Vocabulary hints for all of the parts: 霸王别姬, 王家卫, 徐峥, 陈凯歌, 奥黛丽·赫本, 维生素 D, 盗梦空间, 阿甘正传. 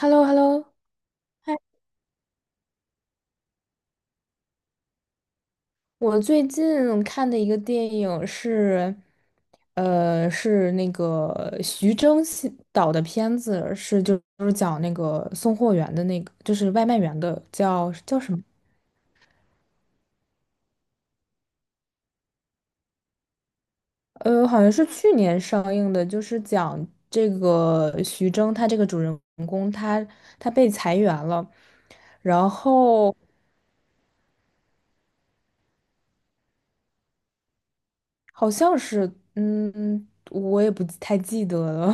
h e l l o hello 嗨！我最近看的一个电影是，是那个徐峥系导的片子，是就是讲那个送货员的那个，就是外卖员的，叫什么？好像是去年上映的，就是讲这个徐峥他这个主人公他被裁员了，然后好像是，我也不太记得了。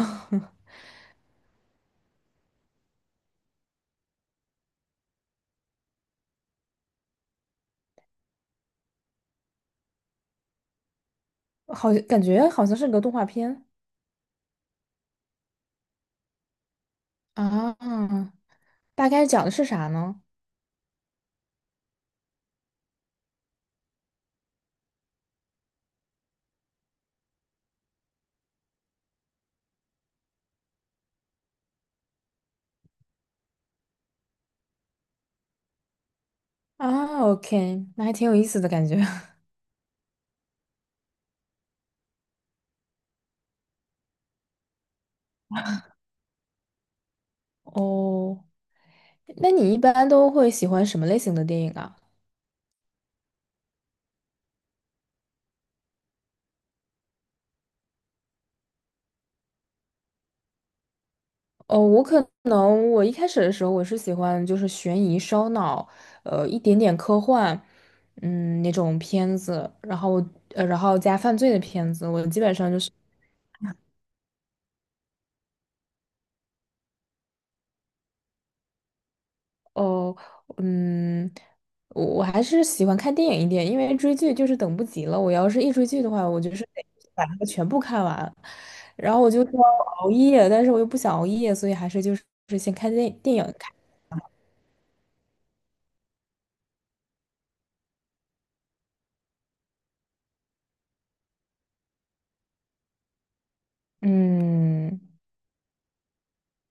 好像感觉好像是个动画片。啊，大概讲的是啥呢？啊，OK，那还挺有意思的感觉。哦，那你一般都会喜欢什么类型的电影啊？哦，我可能我一开始的时候我是喜欢就是悬疑、烧脑，一点点科幻，那种片子，然后加犯罪的片子，我基本上就是。哦，嗯，我还是喜欢看电影一点，因为追剧就是等不及了。我要是一追剧的话，我就是得把它全部看完，然后我就说熬夜，但是我又不想熬夜，所以还是就是是先看电影看。嗯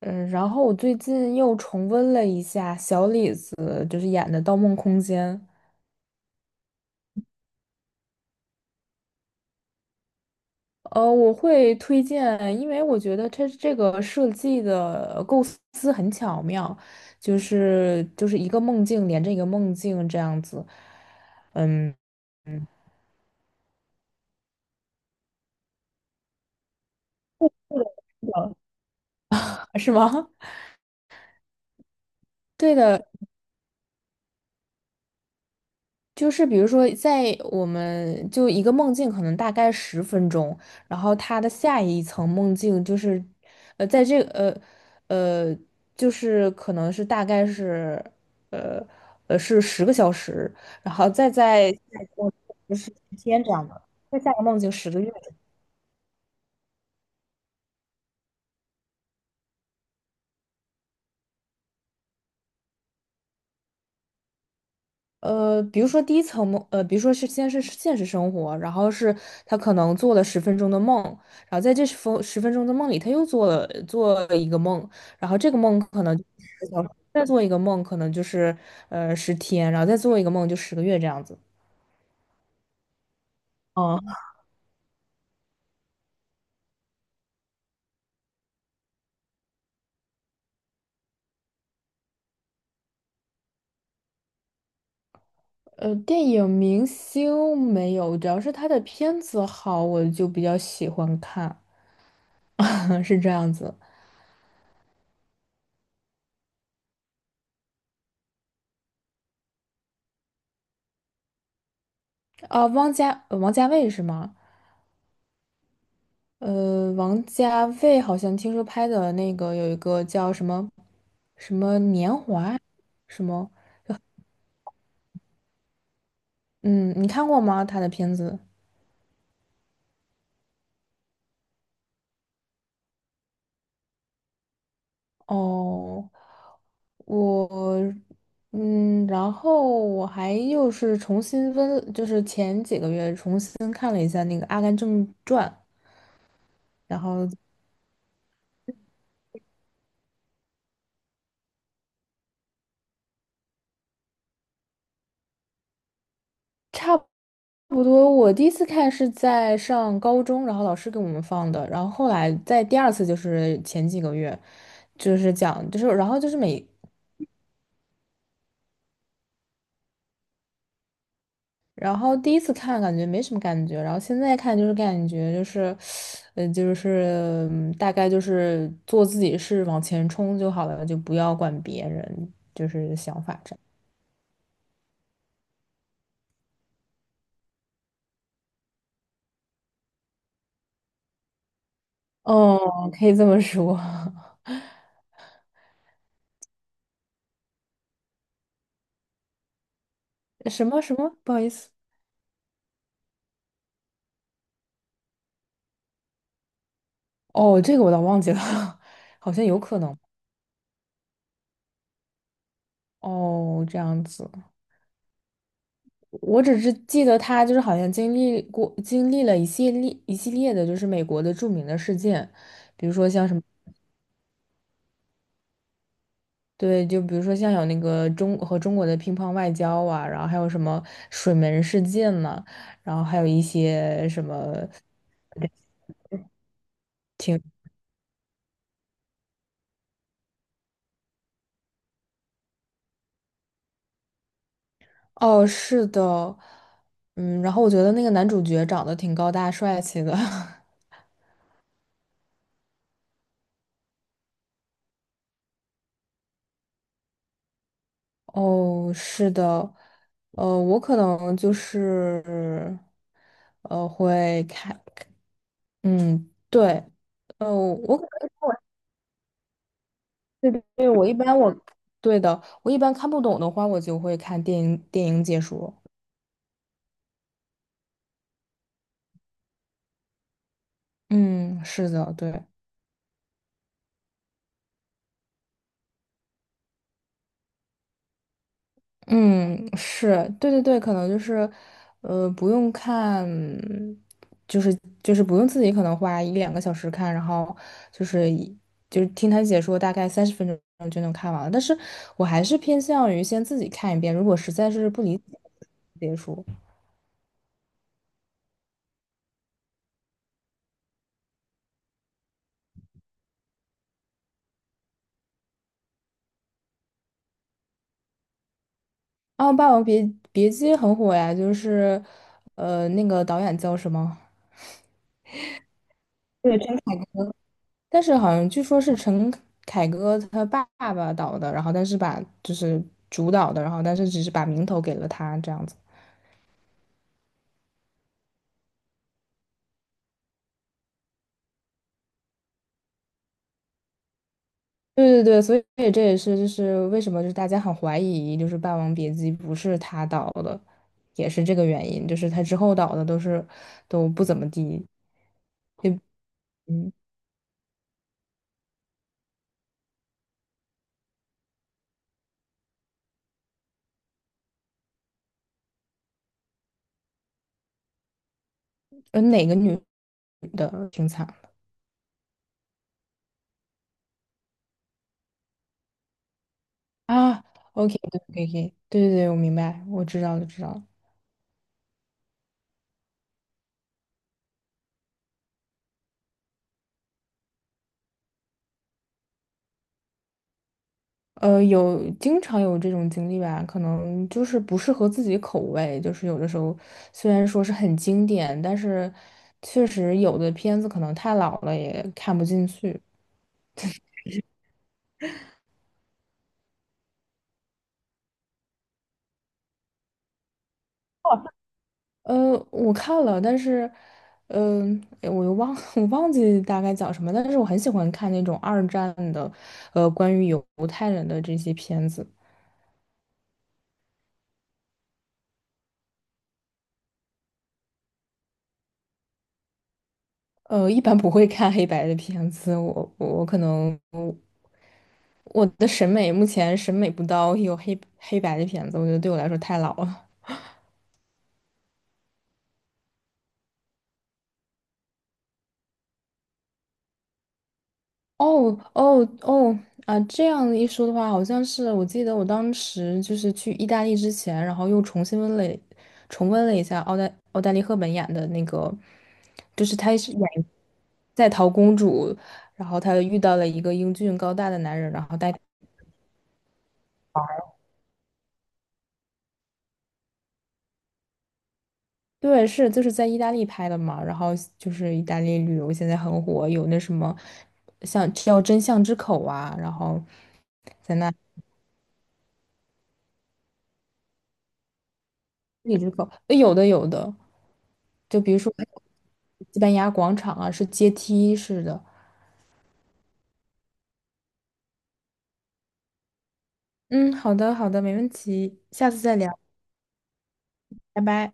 嗯，然后我最近又重温了一下小李子就是演的《盗梦空间》。我会推荐，因为我觉得它这个设计的构思很巧妙，就是一个梦境连着一个梦境这样子。嗯，是的。 是吗？对的，就是比如说，在我们就一个梦境可能大概十分钟，然后它的下一层梦境就是，在这个呃，就是可能是大概是呃是10个小时，然后再在下一个梦境就是十天这样的，再下一个梦境十个月。比如说第一层梦，比如说是先是现实生活，然后是他可能做了十分钟的梦，然后在这十分钟的梦里，他又做了一个梦，然后这个梦可能就是小时再做一个梦，可能就是十天，然后再做一个梦就十个月这样子。哦，电影明星没有，主要是他的片子好，我就比较喜欢看，是这样子。啊、王家卫是吗？王家卫好像听说拍的那个有一个叫什么什么年华啊，什么，嗯，你看过吗？他的片子？哦，我，然后我还又是重新温，就是前几个月重新看了一下那个《阿甘正传》，然后。差不多，我第一次看是在上高中，然后老师给我们放的，然后后来在第二次就是前几个月，就是讲就是然后就是每然后第一次看感觉没什么感觉，然后现在看就是感觉就是，就是大概就是做自己事往前冲就好了，就不要管别人，就是想法这。哦，可以这么说。什么什么？不好意思。哦，这个我倒忘记了，好像有可能。哦，这样子，我只是记得他就是好像经历了一系列一系列的，就是美国的著名的事件，比如说像什么，对，就比如说像有那个中国的乒乓外交啊，然后还有什么水门事件呐、然后还有一些什么挺，哦，是的。嗯，然后我觉得那个男主角长得挺高大帅气的。哦，是的，我可能就是，会看，嗯，对，我可能是对，我一般我，对的，我一般看不懂的话，我就会看电影解说。嗯，是的，对。嗯，是，对对对，可能就是，不用看，就是就是不用自己可能花一两个小时看，然后就是一就是听他解说，大概30分钟就能看完了。但是我还是偏向于先自己看一遍，如果实在是不理解，别说。啊，《霸王别姬》很火呀，就是，那个导演叫什么？对，但是好像据说是陈凯歌他爸爸导的，然后但是把就是主导的，然后但是只是把名头给了他这样子。对对对，所以这也是就是为什么就是大家很怀疑就是《霸王别姬》不是他导的，也是这个原因，就是他之后导的都是都不怎么地。嗯，哪个女主挺惨啊？OK，对，可以可以对对对，我明白，我知道了知道了。有经常有这种经历吧，可能就是不适合自己口味，就是有的时候虽然说是很经典，但是确实有的片子可能太老了也看不进去。我看了，但是，诶我又忘 我忘记大概讲什么，但是我很喜欢看那种二战的，关于犹太人的这些片子。一般不会看黑白的片子，我可能。我的审美目前审美不到有黑白的片子，我觉得对我来说太老了。哦哦哦啊！这样一说的话，好像是我记得我当时就是去意大利之前，然后又重温了一下奥黛丽·赫本演的那个，就是她是演在逃公主，然后她遇到了一个英俊高大的男人，然后带。对，是就是在意大利拍的嘛，然后就是意大利旅游现在很火，有那什么像叫真相之口啊，然后在那里之口，有的有的，就比如说西班牙广场啊，是阶梯式的。嗯，好的好的，没问题，下次再聊。拜拜。